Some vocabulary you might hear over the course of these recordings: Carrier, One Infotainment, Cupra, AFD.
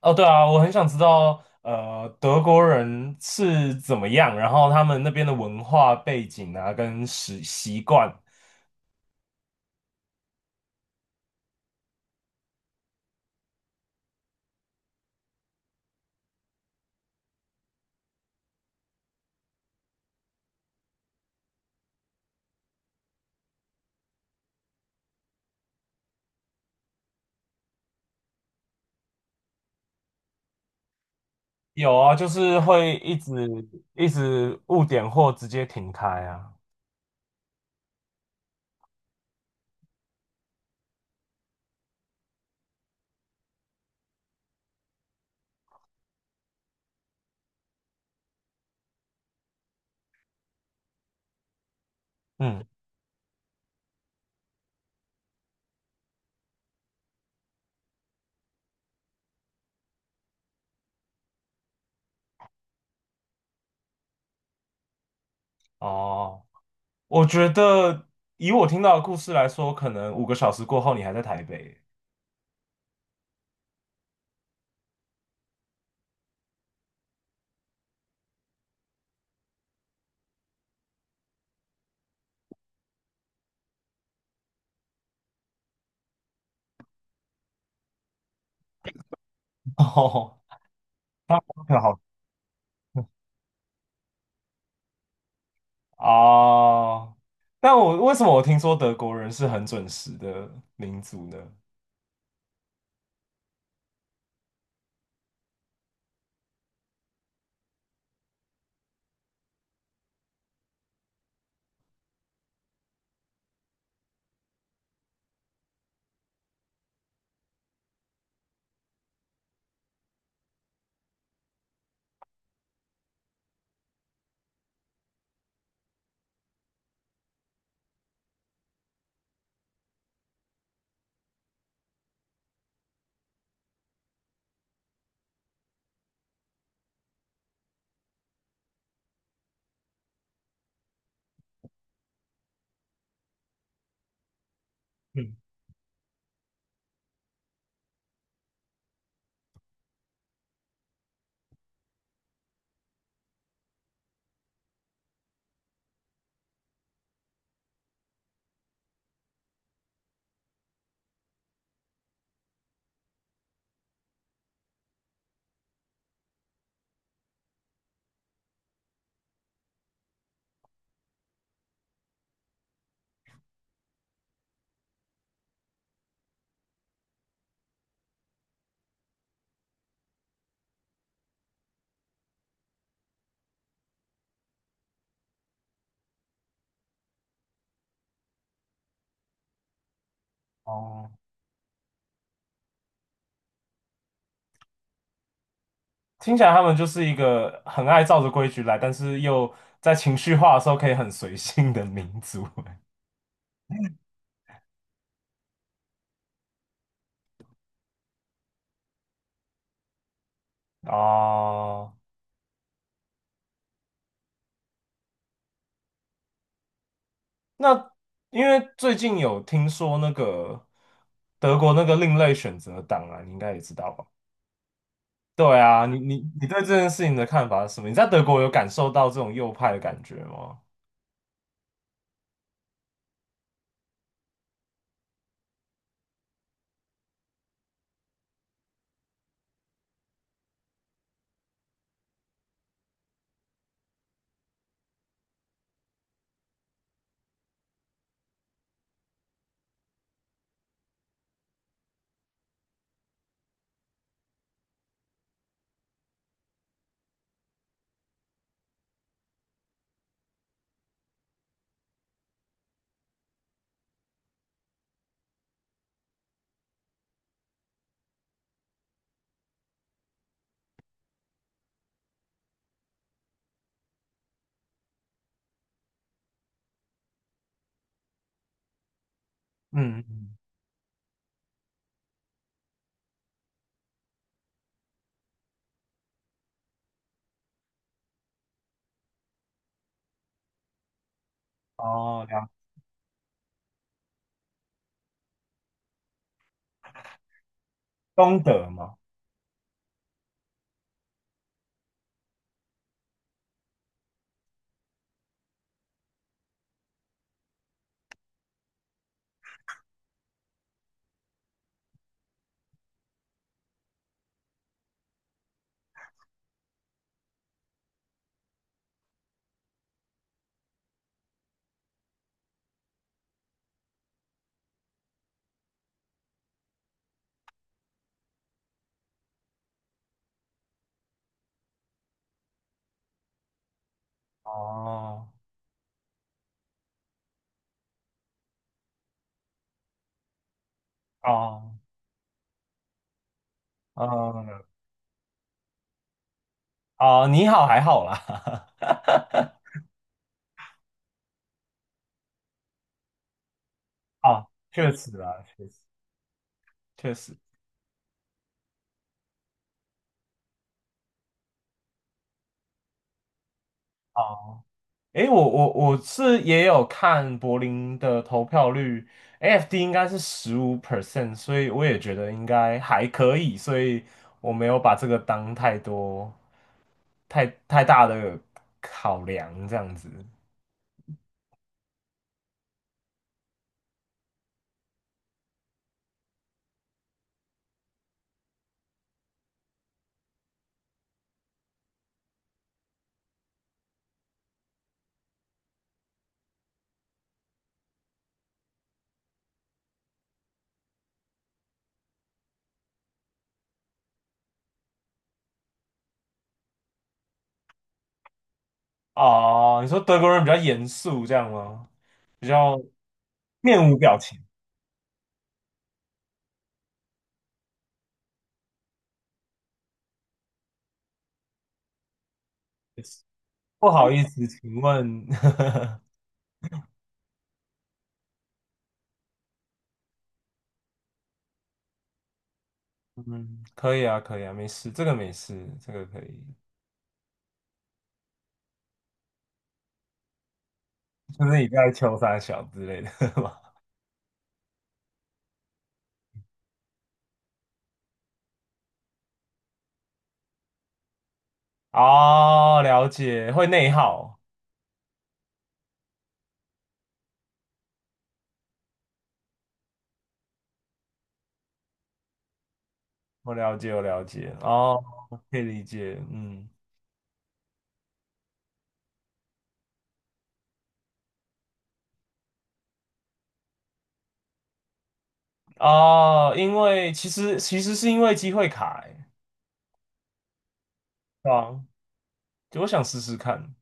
哦，对啊，我很想知道，德国人是怎么样，然后他们那边的文化背景啊，跟习惯，有啊，就是会一直误点或直接停开啊。嗯，哦，我觉得以我听到的故事来说，可能5个小时过后你还在台北。哦，那好。哦，但我为什么我听说德国人是很准时的民族呢？嗯，哦。听起来他们就是一个很爱照着规矩来，但是又在情绪化的时候可以很随性的民族。哦，那因为最近有听说那个德国那个另类选择党啊，你应该也知道吧？对啊，你对这件事情的看法是什么？你在德国有感受到这种右派的感觉吗？嗯，嗯哦，了东德嘛，哦哦，哦哦，你好还好啦。啊，确实啊，确实。确实。哦，诶，我是也有看柏林的投票率，AFD 应该是15%，所以我也觉得应该还可以，所以我没有把这个当太多太大的考量这样子。哦，你说德国人比较严肃这样吗？比较面无表情。不好意思，请问，嗯，可以啊，可以啊，没事，这个没事，这个可以，就是你在求三小之类的 哦，了解，会内耗，我了解，我了解，哦，可以理解，嗯，哦，因为其实是因为机会卡，欸对啊，就我想试试看，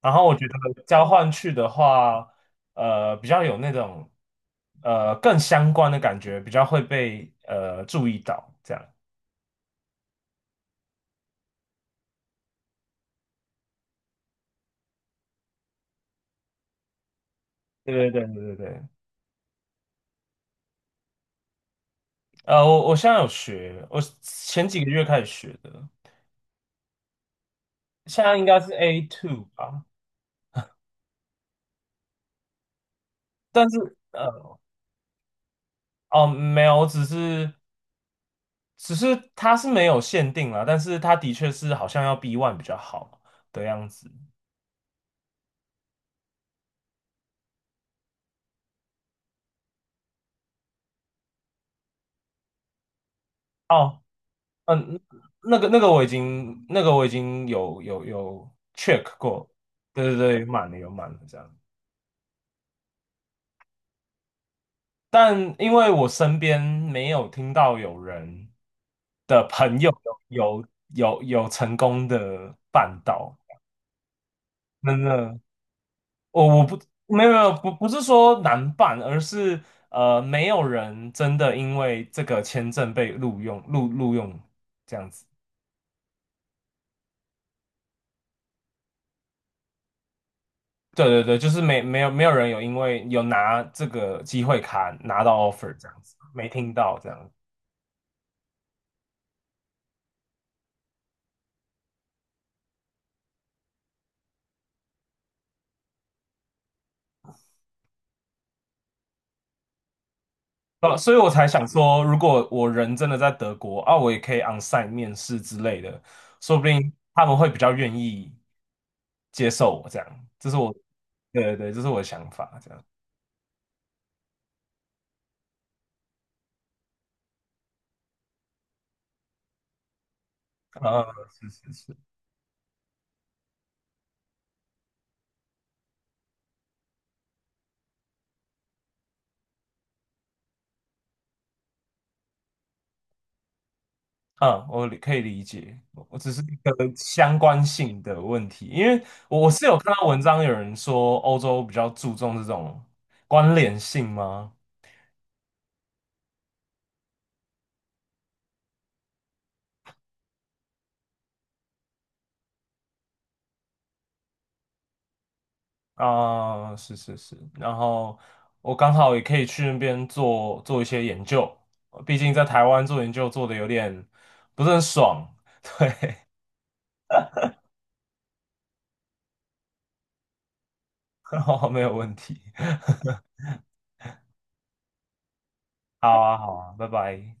然后我觉得交换去的话，比较有那种更相关的感觉，比较会被注意到，这样，对对对对对对。我现在有学，我前几个月开始学的，现在应该是 A2 吧，但是。哦，没有，只是它是没有限定啦，但是它的确是好像要 B1 比较好的样子。哦，嗯，我已经有 check 过，对对对，满了有满了这样。但因为我身边没有听到有人的朋友有成功的办到，真的。我不没有没有不不是说难办，而是没有人真的因为这个签证被录用这样子。对对对，就是没有人有因为有拿这个机会卡拿到 offer 这样子，没听到这样。所以我才想说，如果我人真的在德国啊，我也可以 onsite 面试之类的，说不定他们会比较愿意接受我这样。这是我，对对对，这是我的想法这样。啊，是是是。嗯，我可以理解，我只是一个相关性的问题，因为我是有看到文章有人说欧洲比较注重这种关联性吗？啊、是是是，然后我刚好也可以去那边做做一些研究，毕竟在台湾做研究做的有点不是很爽。没有问题。好啊，好啊，拜拜。